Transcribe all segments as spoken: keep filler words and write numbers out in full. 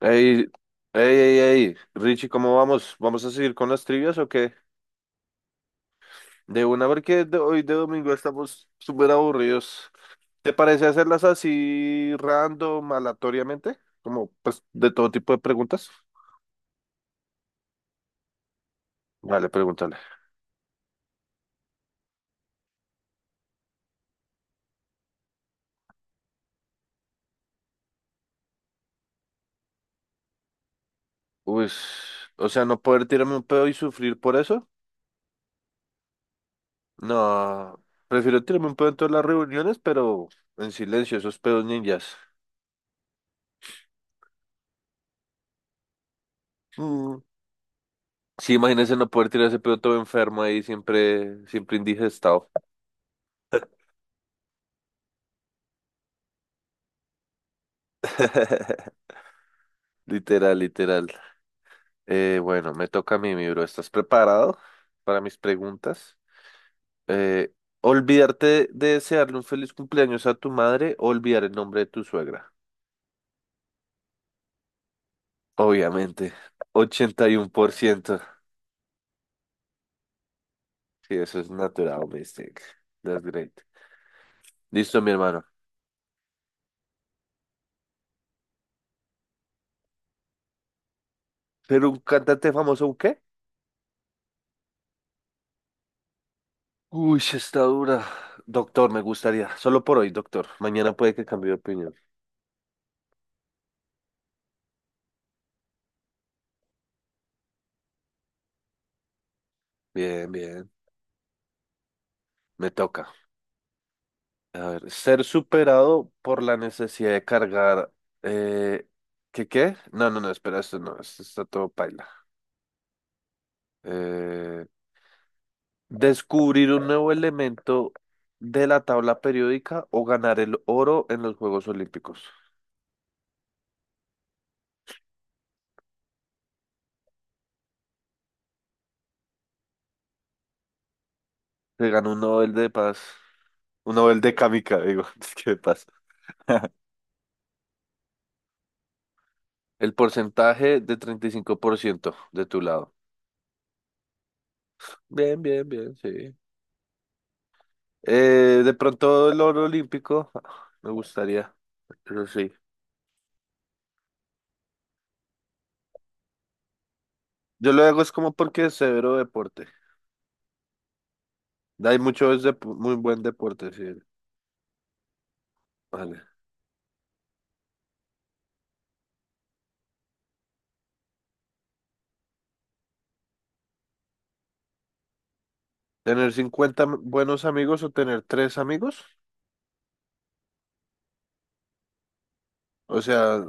Ey, ey, ey, ey, Richie, ¿cómo vamos? ¿Vamos a seguir con las trivias o qué? De una, porque de hoy de domingo estamos súper aburridos. ¿Te parece hacerlas así random, aleatoriamente? Como, pues, de todo tipo de preguntas. Vale, pregúntale. Uy, o sea, no poder tirarme un pedo y sufrir por eso. No, prefiero tirarme un pedo en todas las reuniones, pero en silencio, esos pedos ninjas. Mm. Sí, imagínese no poder tirar ese pedo todo enfermo ahí, siempre, siempre indigestado. Literal, literal. Eh, bueno, me toca a mí, mi bro. ¿Estás preparado para mis preguntas? Eh, Olvidarte de de desearle un feliz cumpleaños a tu madre o olvidar el nombre de tu suegra. Obviamente, ochenta y uno por ciento. Sí, eso es natural, mistake. That's great. Listo, mi hermano. ¿Pero un cantante famoso, un qué? Uy, sí está dura. Doctor, me gustaría. Solo por hoy, doctor. Mañana puede que cambie de opinión. Bien, bien. Me toca. A ver, ser superado por la necesidad de cargar. Eh, ¿qué qué? No, no, no, espera, esto no, esto está todo paila. Eh, Descubrir un nuevo elemento de la tabla periódica o ganar el oro en los Juegos Olímpicos. Se ganó un Nobel de Paz, un Nobel de Kamika, digo, es que de paz. El porcentaje de treinta y cinco por ciento de tu lado. Bien, bien, bien, sí. Eh, de pronto el oro olímpico, ah, me gustaría, pero sí. Yo lo hago es como porque es severo deporte. Hay mucho es de muy buen deporte, sí. Vale. Tener cincuenta m- buenos amigos o tener tres amigos. O sea,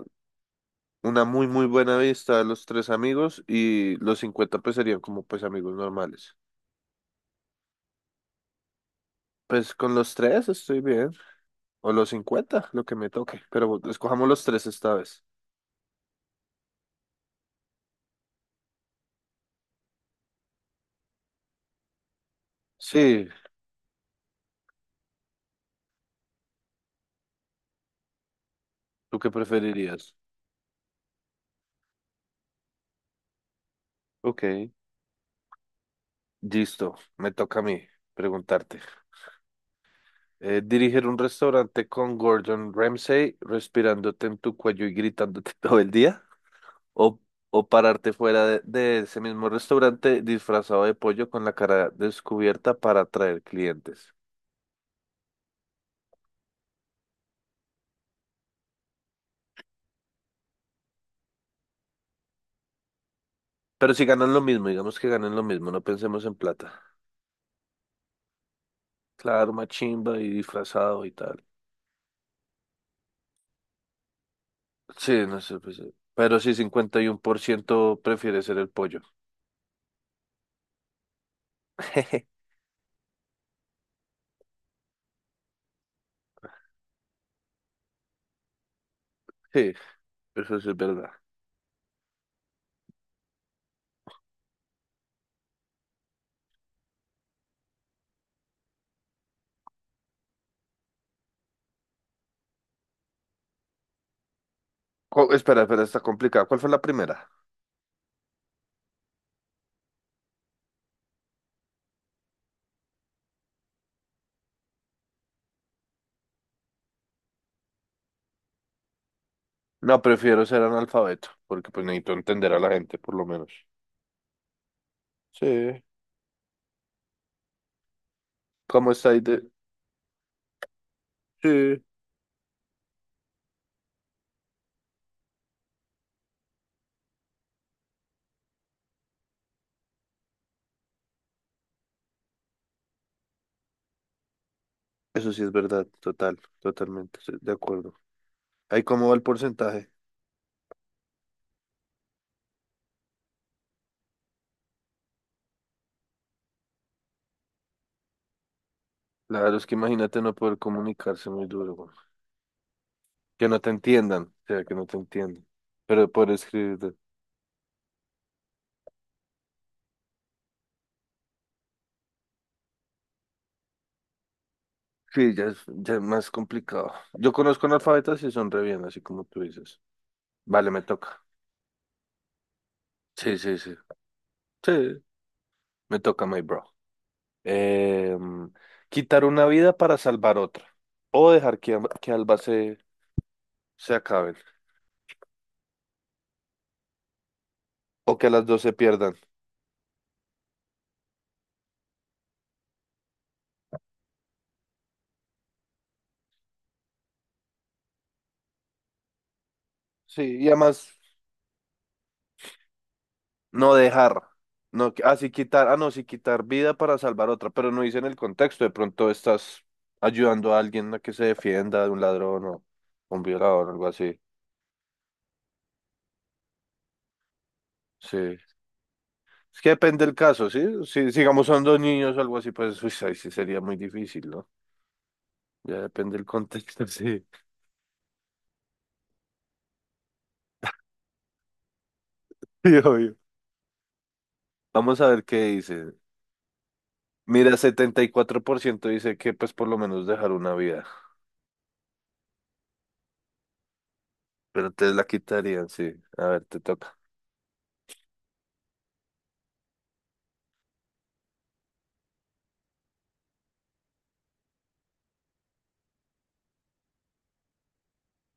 una muy muy buena vista de los tres amigos y los cincuenta pues serían como pues amigos normales. Pues con los tres estoy bien. O los cincuenta lo que me toque. Pero bu- escojamos los tres esta vez. Sí, ¿tú qué preferirías? Ok, listo, me toca a mí preguntarte. Eh, dirigir un restaurante con Gordon Ramsay, respirándote en tu cuello y gritándote todo el día. O, o pararte fuera de, de ese mismo restaurante disfrazado de pollo con la cara descubierta para atraer clientes. Pero si ganan lo mismo, digamos que ganan lo mismo, no pensemos en plata. Claro, machimba y disfrazado y tal. Sí, no sé, pues, eh, pero sí, cincuenta y uno por ciento prefiere ser el pollo. Sí, eso sí es verdad. Co- espera, espera, está complicado. ¿Cuál fue la primera? No, prefiero ser analfabeto, porque pues necesito entender a la gente, por lo menos. Sí. ¿Cómo está ahí de...? Sí. Eso sí es verdad, total, totalmente, sí, de acuerdo. ¿Ahí cómo va el porcentaje? Claro, es que imagínate no poder comunicarse muy duro, güey. Que no te entiendan, o sea, que no te entiendan. Pero poder escribir, sí, ya es, ya es más complicado. Yo conozco analfabetas y son re bien, así como tú dices. Vale, me toca. Sí, sí, sí. Sí, me toca, my bro. Em, Quitar una vida para salvar otra. O dejar que, amb- que ambas se, se acaben. O que las dos se pierdan. Sí, y además, no dejar. No, que- ah, sí, quitar. Ah, no, sí, quitar vida para salvar otra. Pero no dicen el contexto. De pronto estás ayudando a alguien a que se defienda de un ladrón o un violador o algo así. Sí. Es que depende del caso, ¿sí? Si, si, digamos, son dos niños o algo así, pues uy, ahí sí sería muy difícil, ¿no? Ya depende del contexto, sí. Sí, obvio. Vamos a ver qué dice. Mira, setenta y cuatro por ciento dice que pues por lo menos dejar una vida, pero te la quitarían, sí. A ver, te toca.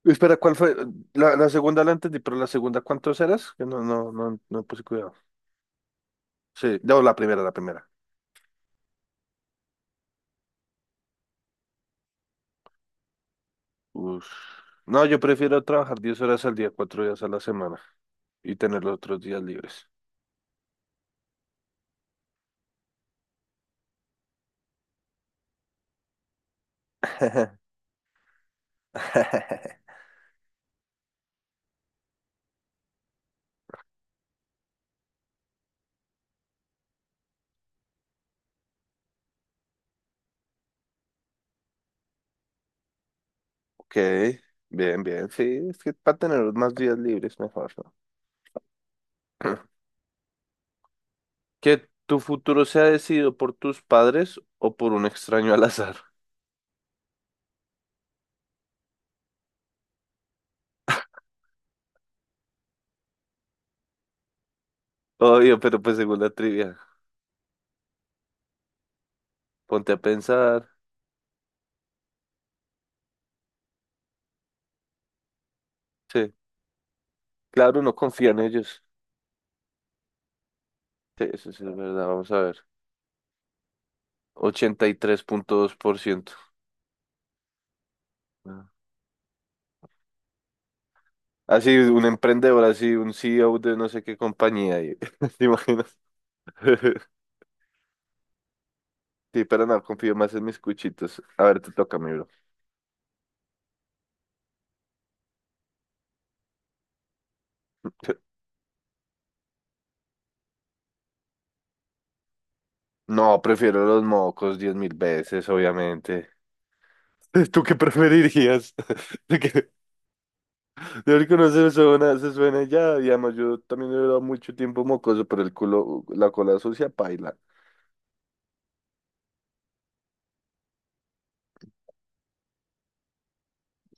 Espera, ¿cuál fue? La, la segunda la entendí, pero la segunda, ¿cuántos eras? Que no, no, no, no puse cuidado. Sí, no, la primera, la primera. Uf. No, yo prefiero trabajar diez horas al día, cuatro días a la semana y tener los otros días libres. Ok, bien, bien, sí, es que para tener más días libres mejor, ¿no? Que tu futuro sea decidido por tus padres o por un extraño al azar. Obvio, pero pues según la trivia, ponte a pensar. Sí, claro, no confía en ellos. Sí, eso sí es verdad, vamos a ver. ochenta y tres punto dos por ciento. Ah. Así, un emprendedor, así, un C E O de no sé qué compañía. y- ¿Te imaginas? Sí, pero no, confío más en mis cuchitos. A ver, te toca, mi bro. No, prefiero los mocos diez mil veces, obviamente. ¿Tú qué preferirías? ¿De qué? Deber se suena, se suena ya, digamos, yo también he durado mucho tiempo mocoso, pero el culo, la cola sucia, paila.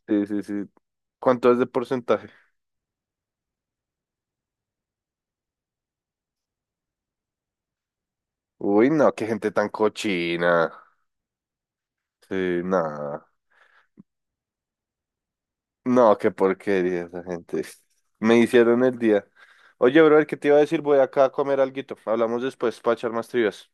Sí, sí, sí. ¿Cuánto es de porcentaje? Uy, no, qué gente tan cochina. Sí, nada. No, qué porquería esa gente. Me hicieron el día. Oye, brother, ¿qué te iba a decir? Voy acá a comer alguito. Hablamos después para echar más trivias.